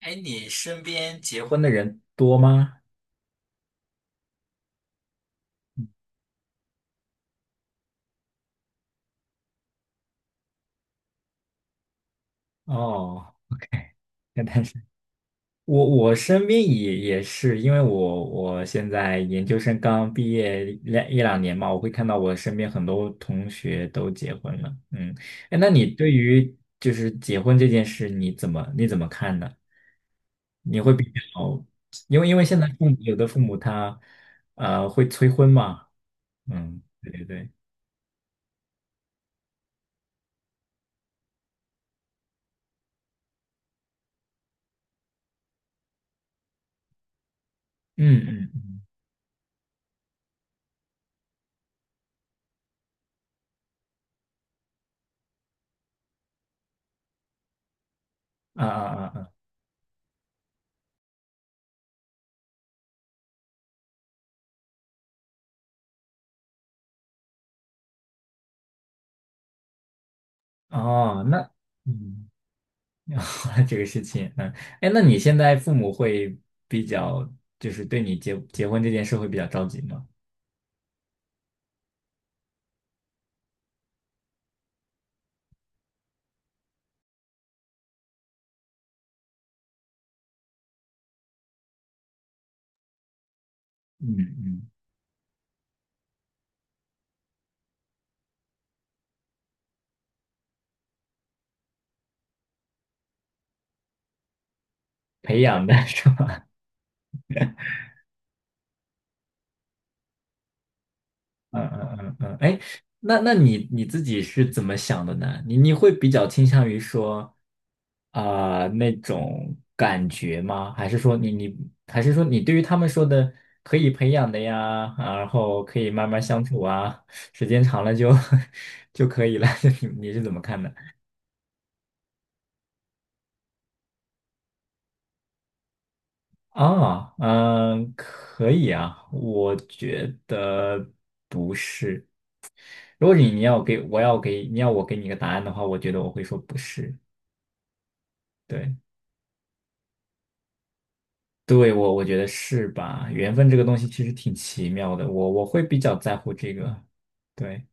哎，你身边结婚的人多吗？哦，OK，那 但是我我身边也是，因为我现在研究生刚毕业两年嘛，我会看到我身边很多同学都结婚了。嗯，哎，那你对于就是结婚这件事，你怎么看呢？你会比较，因为现在有的父母他会催婚嘛。嗯，对对对。嗯嗯嗯。啊啊啊啊。哦，那嗯，这个事情，嗯，哎，那你现在父母会比较，就是对你结婚这件事会比较着急吗？嗯嗯，培养的 是吧？嗯嗯嗯嗯，哎，那你自己是怎么想的呢？你会比较倾向于说啊、那种感觉吗？还是说你对于他们说的可以培养的呀，啊然后可以慢慢相处啊，时间长了就 就可以了。你是怎么看的？啊，嗯，可以啊，我觉得不是。如果你你要给我要给你要我给你个答案的话，我觉得我会说不是。对，对我觉得是吧？缘分这个东西其实挺奇妙的，我会比较在乎这个。对，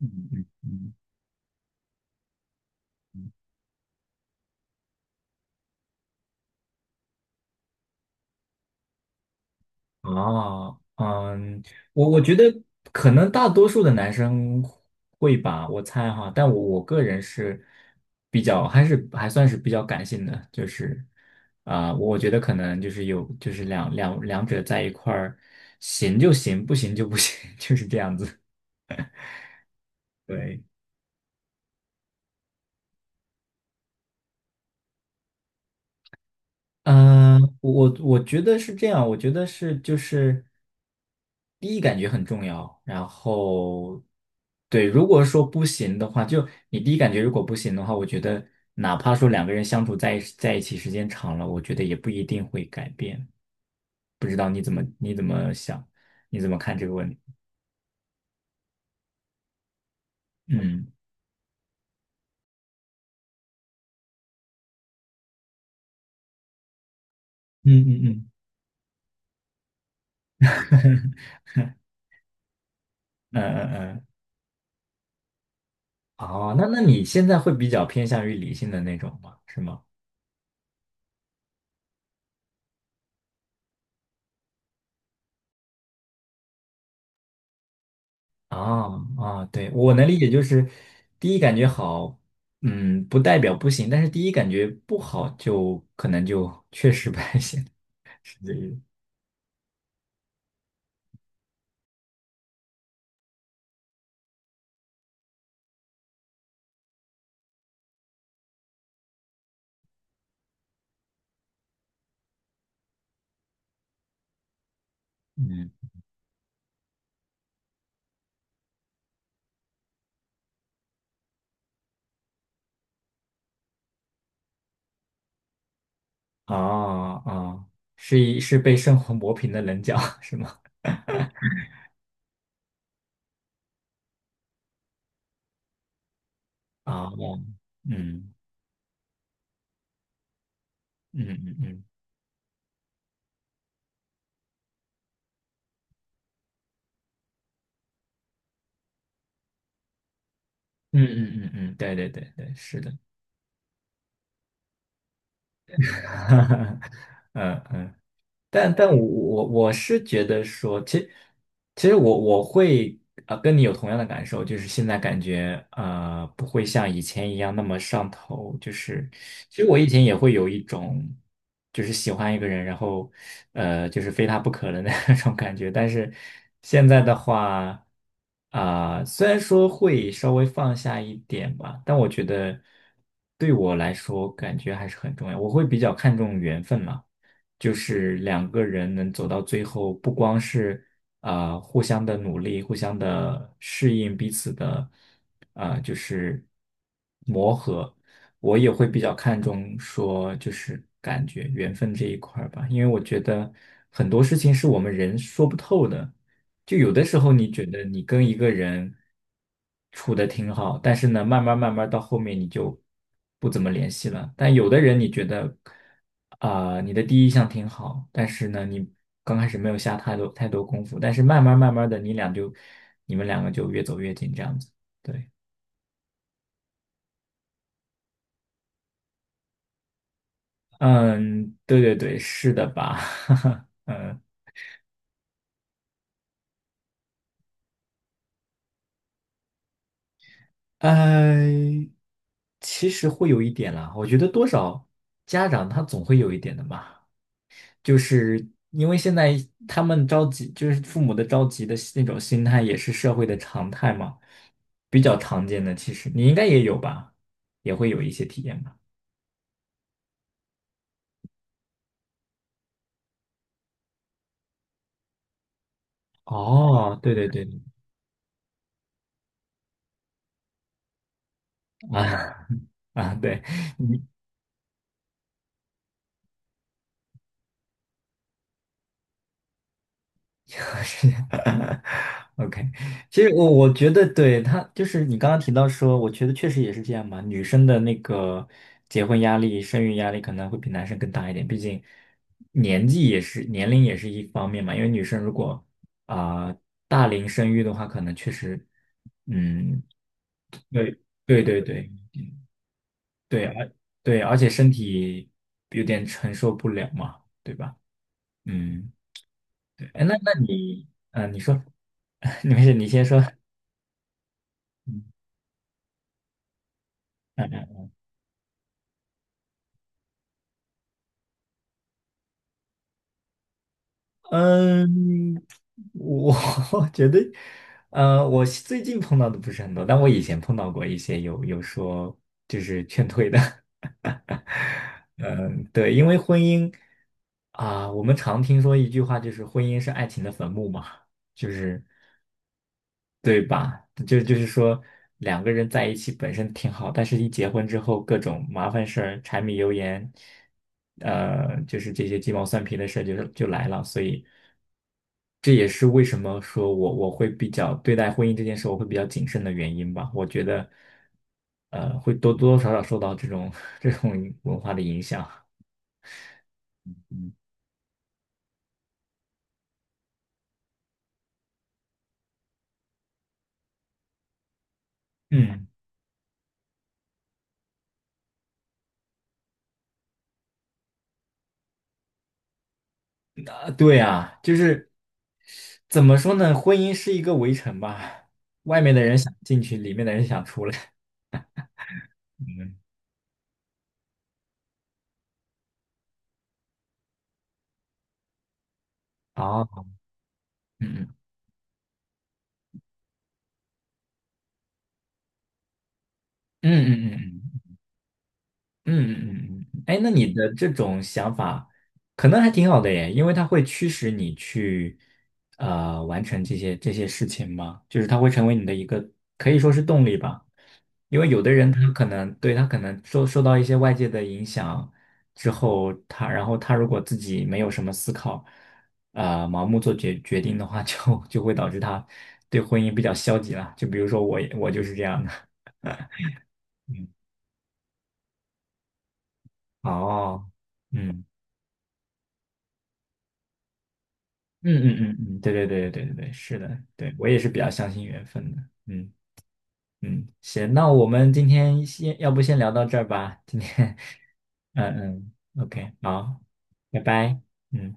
嗯嗯嗯。啊，嗯，我觉得可能大多数的男生会吧，我猜哈，但我个人是比较还是还算是比较感性的，就是啊、我觉得可能就是有就是两者在一块儿行就行，不行就不行，就是这样子。对。嗯，我觉得是这样，我觉得就是第一感觉很重要。然后对，如果说不行的话，就你第一感觉如果不行的话，我觉得哪怕说两个人相处在一起时间长了，我觉得也不一定会改变。不知道你怎么想，你怎么看这个问题？嗯嗯嗯嗯嗯嗯嗯。哦，那那你现在会比较偏向于理性的那种吗？是吗？啊啊，对，我能理解，就是第一感觉好，嗯，不代表不行，但是第一感觉不好就可能就确实不太行，是这意思。嗯，啊啊，是被生活磨平的棱角，是吗？啊，嗯嗯嗯嗯嗯嗯嗯嗯，嗯对对对对，是的。嗯嗯。但我是觉得说，其实我会啊、跟你有同样的感受，就是现在感觉啊不会像以前一样那么上头，就是其实我以前也会有一种就是喜欢一个人，然后就是非他不可的那 种感觉，但是现在的话啊、虽然说会稍微放下一点吧，但我觉得对我来说感觉还是很重要，我会比较看重缘分嘛。就是两个人能走到最后，不光是互相的努力，互相的适应彼此的呃就是磨合，我也会比较看重说就是感觉缘分这一块儿吧，因为我觉得很多事情是我们人说不透的。就有的时候你觉得你跟一个人处的挺好，但是呢，慢慢慢慢到后面你就不怎么联系了。但有的人你觉得啊、你的第一印象挺好，但是呢，你刚开始没有下太多功夫，但是慢慢慢慢的，你们两个就越走越近这样子。对，嗯，对对对，是的吧？嗯，呃，其实会有一点啦，我觉得多少家长他总会有一点的嘛。就是因为现在他们着急，就是父母的着急的那种心态，也是社会的常态嘛，比较常见的。其实你应该也有吧，也会有一些体验吧。哦，对对对，啊啊，对，OK，其实我觉得对他就是你刚刚提到说，我觉得确实也是这样嘛。女生的那个结婚压力、生育压力可能会比男生更大一点，毕竟年龄也是一方面嘛。因为女生如果啊、大龄生育的话，可能确实嗯，对对对对对，对，而且身体有点承受不了嘛，对吧？嗯。对，哎，那那你，嗯、你说，你没事，你先说。嗯嗯，嗯我 我觉得，呃，我最近碰到的不是很多，但我以前碰到过一些有说就是劝退的。嗯，对，因为婚姻啊、我们常听说一句话，就是婚姻是爱情的坟墓嘛，就是对吧？就是说，两个人在一起本身挺好，但是一结婚之后，各种麻烦事儿、柴米油盐，呃，就是这些鸡毛蒜皮的事儿就来了。所以，这也是为什么说我会比较对待婚姻这件事，我会比较谨慎的原因吧。我觉得，呃，会多多少少受到这种 这种文化的影响。嗯，啊，对啊，就是怎么说呢？婚姻是一个围城吧，外面的人想进去，里面的人想出来。嗯哦，嗯嗯嗯嗯嗯嗯嗯嗯，哎，那你的这种想法可能还挺好的耶，因为它会驱使你去完成这些事情嘛，就是它会成为你的一个可以说是动力吧。因为有的人他可能受到一些外界的影响之后，他然后他如果自己没有什么思考，呃，盲目做决定的话，就会导致他对婚姻比较消极了。就比如说我就是这样的。嗯哦，嗯嗯嗯嗯嗯，对对对对对对对是的，对我也是比较相信缘分的，嗯嗯，行，那我们今天先，要不先聊到这儿吧，今天，嗯嗯，OK，好，拜拜，嗯。